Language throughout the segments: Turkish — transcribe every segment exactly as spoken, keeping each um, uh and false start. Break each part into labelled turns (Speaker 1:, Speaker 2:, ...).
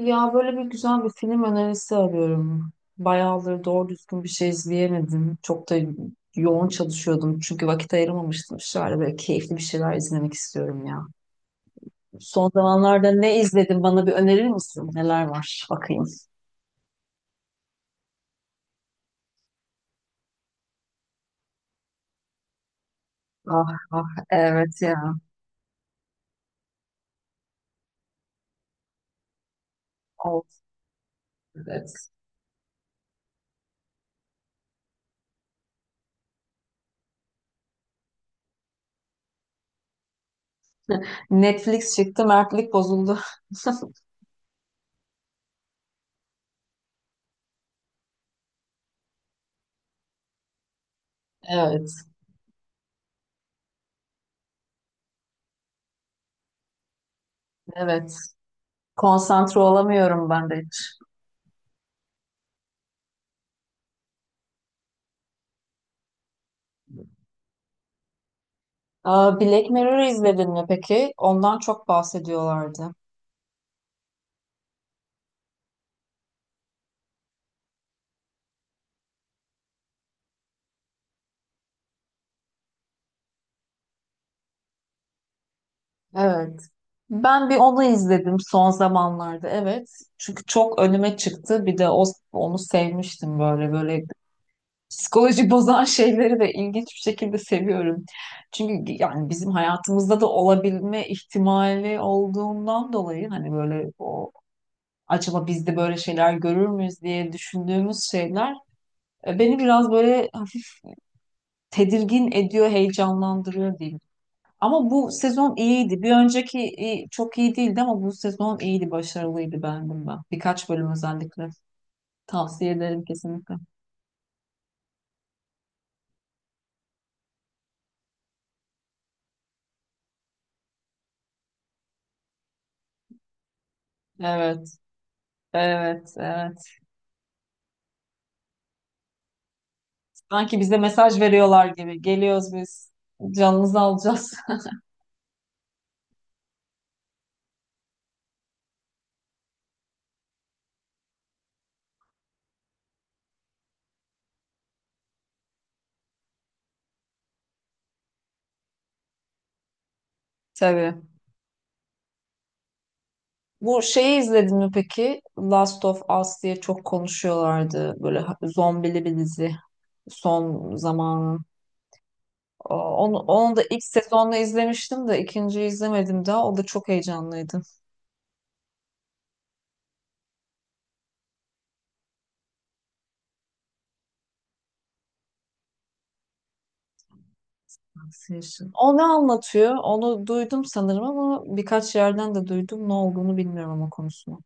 Speaker 1: Ya böyle bir güzel bir film önerisi arıyorum. Bayağıdır doğru düzgün bir şey izleyemedim. Çok da yoğun çalışıyordum çünkü vakit ayıramamıştım. Şöyle böyle keyifli bir şeyler izlemek istiyorum ya. Son zamanlarda ne izledim bana bir önerir misin? Neler var? Bakayım. Ah ah, evet ya. Of, evet. Netflix çıktı, mertlik bozuldu. Evet, evet. Konsantre olamıyorum ben de hiç. Aa, Black Mirror izledin mi peki? Ondan çok bahsediyorlardı. Evet. Ben bir onu izledim son zamanlarda, evet. Çünkü çok önüme çıktı. Bir de o, onu sevmiştim. Böyle böyle psikoloji bozan şeyleri de ilginç bir şekilde seviyorum. Çünkü yani bizim hayatımızda da olabilme ihtimali olduğundan dolayı hani böyle o acaba biz de böyle şeyler görür müyüz diye düşündüğümüz şeyler e, beni biraz böyle hafif tedirgin ediyor, heyecanlandırıyor diyeyim. Ama bu sezon iyiydi. Bir önceki iyi- çok iyi değildi ama bu sezon iyiydi, başarılıydı, beğendim ben. Birkaç bölüm özellikle. Tavsiye ederim kesinlikle. Evet, evet, evet. Sanki bize mesaj veriyorlar gibi. Geliyoruz biz. Canınızı alacağız. Tabii. Bu şeyi izledin mi peki? Last of Us diye çok konuşuyorlardı. Böyle ha- zombili bir dizi. Son zamanın. O- Onu, onu da ilk sezonla izlemiştim de ikinciyi izlemedim daha. O da çok heyecanlıydı. Tavsiyesi. O ne anlatıyor? Onu duydum sanırım ama birkaç yerden de duydum. Ne olduğunu bilmiyorum ama konusunu.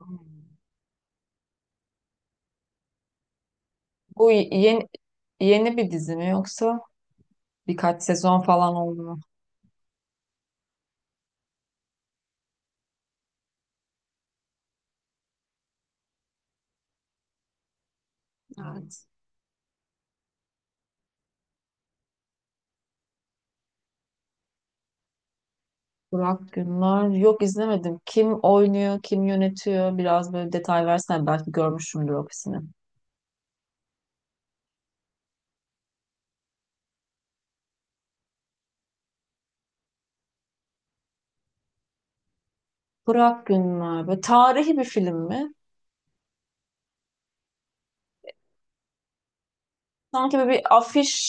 Speaker 1: Hmm. Bu yeni, yeni bir dizi mi yoksa birkaç sezon falan oldu mu? Evet. Burak Günler. Yok, izlemedim. Kim oynuyor, kim yönetiyor? Biraz böyle detay versen belki görmüşümdür ofisini. Burak Günler. Böyle tarihi bir film mi? Sanki böyle bir afiş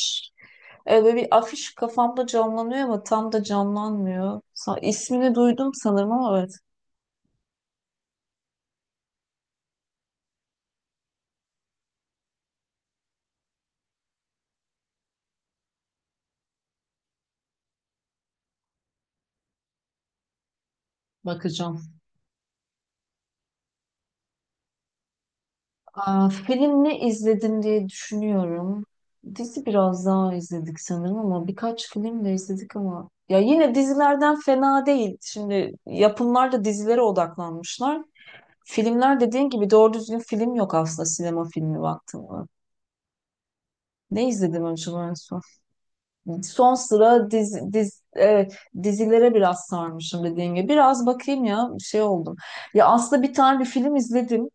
Speaker 1: e, Böyle bir afiş kafamda canlanıyor ama tam da canlanmıyor. Sa- İsmini duydum sanırım ama evet, bakacağım. Aa, film ne izledim diye düşünüyorum. Dizi biraz daha izledik sanırım ama birkaç film de izledik ama ya yine dizilerden fena değil. Şimdi yapımlar da dizilere odaklanmışlar. Filmler dediğin gibi doğru düzgün film yok aslında, sinema filmi baktığımda. Ne izledim acaba en son? Son sıra diz, diz, evet, dizilere biraz sarmışım dediğim gibi. Biraz bakayım ya, şey oldum. Ya aslında bir tane bir film izledim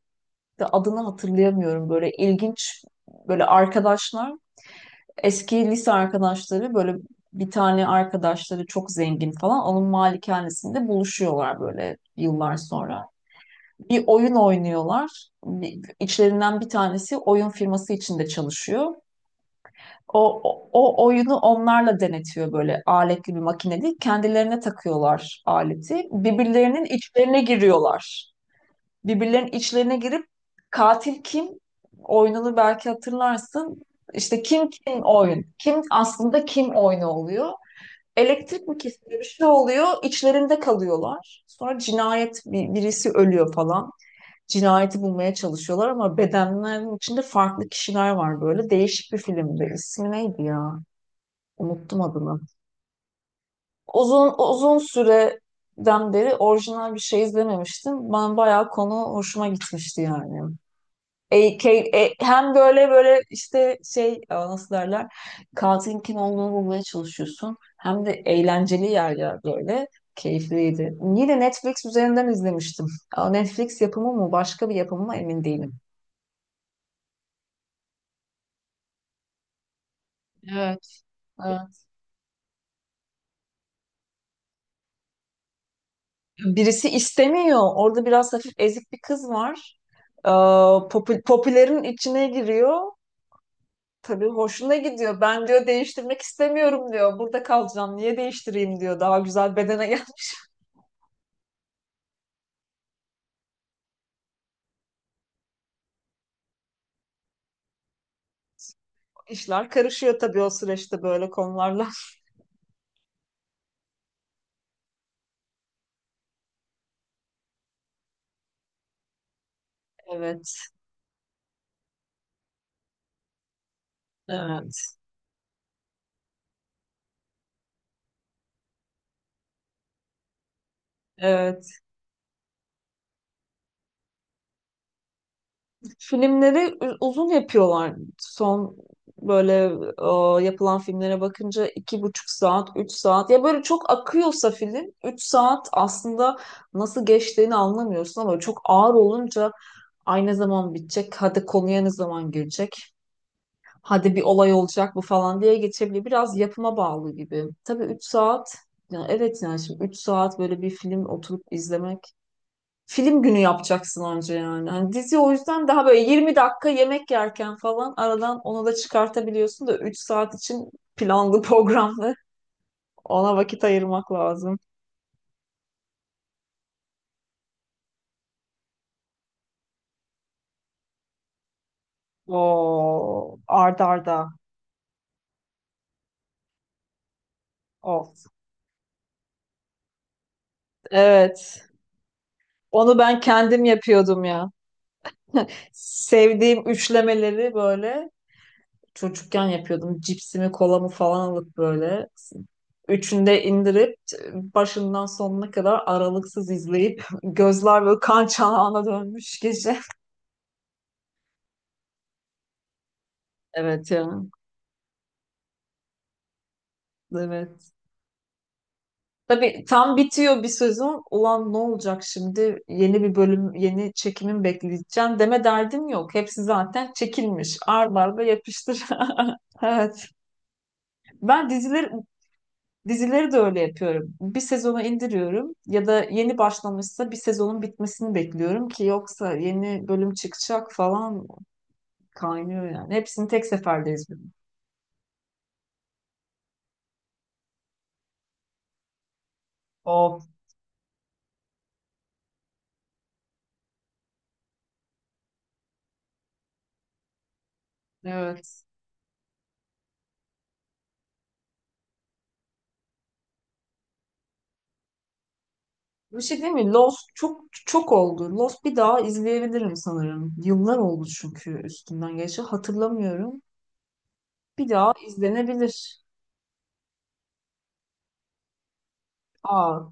Speaker 1: de adını hatırlayamıyorum. Böyle ilginç, böyle arkadaşlar, eski lise arkadaşları, böyle bir tane arkadaşları çok zengin falan, onun malikanesinde buluşuyorlar böyle yıllar sonra. Bir oyun oynuyorlar. Bir- İçlerinden bir tanesi oyun firması içinde çalışıyor. O, o, o oyunu onlarla denetiyor, böyle aletli bir makine değil. Kendilerine takıyorlar aleti. Birbirlerinin içlerine giriyorlar. Birbirlerinin içlerine girip katil kim oyununu belki hatırlarsın. İşte kim kim oyun. Kim aslında kim oyunu oluyor. Elektrik mi kesiliyor, bir şey oluyor. İçlerinde kalıyorlar. Sonra cinayet, bir- birisi ölüyor falan. Cinayeti bulmaya çalışıyorlar ama bedenlerin içinde farklı kişiler var böyle. Değişik bir filmdi. İsmi neydi ya? Unuttum adını. Uzun uzun süreden beri orijinal bir şey izlememiştim. Ben bayağı konu hoşuma gitmişti yani. E, ke- e, Hem böyle böyle işte şey, a, nasıl derler, katilin kim olduğunu bulmaya çalışıyorsun. Hem de eğlenceli yerler böyle. Keyifliydi. Yine Netflix üzerinden izlemiştim. Aa, Netflix yapımı mı başka bir yapımı mı emin değilim. Evet. Evet. Birisi istemiyor. Orada biraz hafif ezik bir kız var. Ee, popü- popülerin içine giriyor. Tabii hoşuna gidiyor. Ben diyor değiştirmek istemiyorum diyor. Burada kalacağım. Niye değiştireyim diyor. Daha güzel bedene gel. İşler karışıyor tabii o süreçte böyle konularla. Evet. Evet. Evet. Filmleri uzun yapıyorlar. Son böyle e, yapılan filmlere bakınca iki buçuk saat, üç saat. Ya böyle çok akıyorsa film, üç saat aslında nasıl geçtiğini anlamıyorsun ama çok ağır olunca ay ne zaman bitecek, hadi konuya ne zaman girecek, hadi bir olay olacak bu falan diye geçebiliyor. Biraz yapıma bağlı gibi. Tabii üç saat, ya evet yani şimdi üç saat böyle bir film oturup izlemek, film günü yapacaksın anca yani. Hani dizi o yüzden daha böyle yirmi dakika yemek yerken falan aradan onu da çıkartabiliyorsun da üç saat için planlı programlı ona vakit ayırmak lazım. Oo, arda arda. Of. Evet. Onu ben kendim yapıyordum ya. Sevdiğim üçlemeleri böyle çocukken yapıyordum. Cipsimi, kolamı falan alıp böyle. Üçünde indirip başından sonuna kadar aralıksız izleyip gözler böyle kan çanağına dönmüş gece. Evet ya. Evet. Tabii tam bitiyor bir sezon. Ulan ne olacak şimdi? Yeni bir bölüm, yeni çekimin bekleyeceğim deme derdim yok. Hepsi zaten çekilmiş. Arda arda yapıştır. Evet. Ben dizileri Dizileri de öyle yapıyorum. Bir sezonu indiriyorum ya da yeni başlamışsa bir sezonun bitmesini bekliyorum ki yoksa yeni bölüm çıkacak falan, kaynıyor yani. Hepsini tek seferde izliyorum. Of. Evet. Bir şey değil mi? Lost çok çok oldu. Lost bir daha izleyebilirim sanırım. Yıllar oldu çünkü üstünden geçti. Hatırlamıyorum. Bir daha izlenebilir. Aa,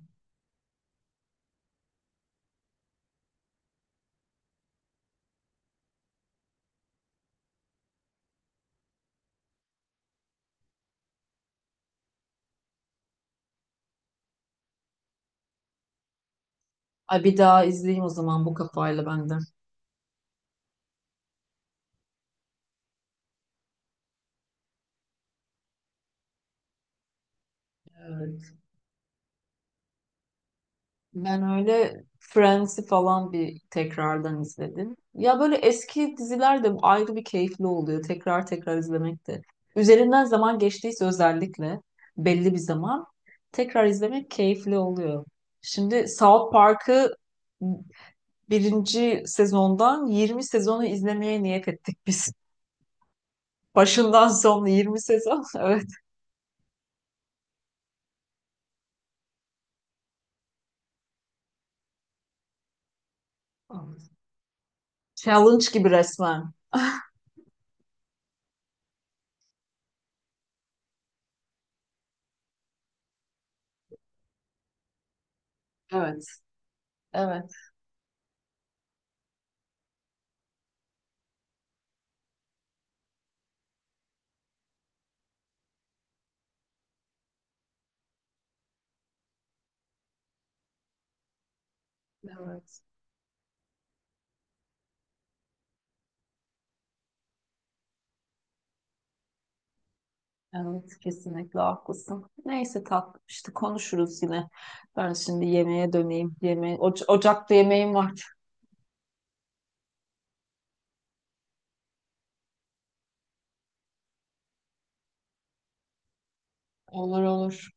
Speaker 1: ay bir daha izleyeyim o zaman bu kafayla benden. Ben öyle Friends'i falan bir tekrardan izledim. Ya böyle eski diziler de ayrı bir keyifli oluyor. Tekrar tekrar izlemek de. Üzerinden zaman geçtiyse özellikle, belli bir zaman, tekrar izlemek keyifli oluyor. Şimdi South Park'ı birinci sezondan yirmi sezonu izlemeye niyet ettik biz. Başından sonuna yirmi sezon. Evet. Challenge gibi resmen. Evet. Evet. Evet. Evet, kesinlikle haklısın. Neyse tatlım, işte konuşuruz yine. Ben şimdi yemeğe döneyim. Yemeğe, Oca- ocakta yemeğim var. Olur olur.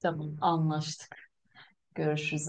Speaker 1: Tamam, anlaştık. Görüşürüz.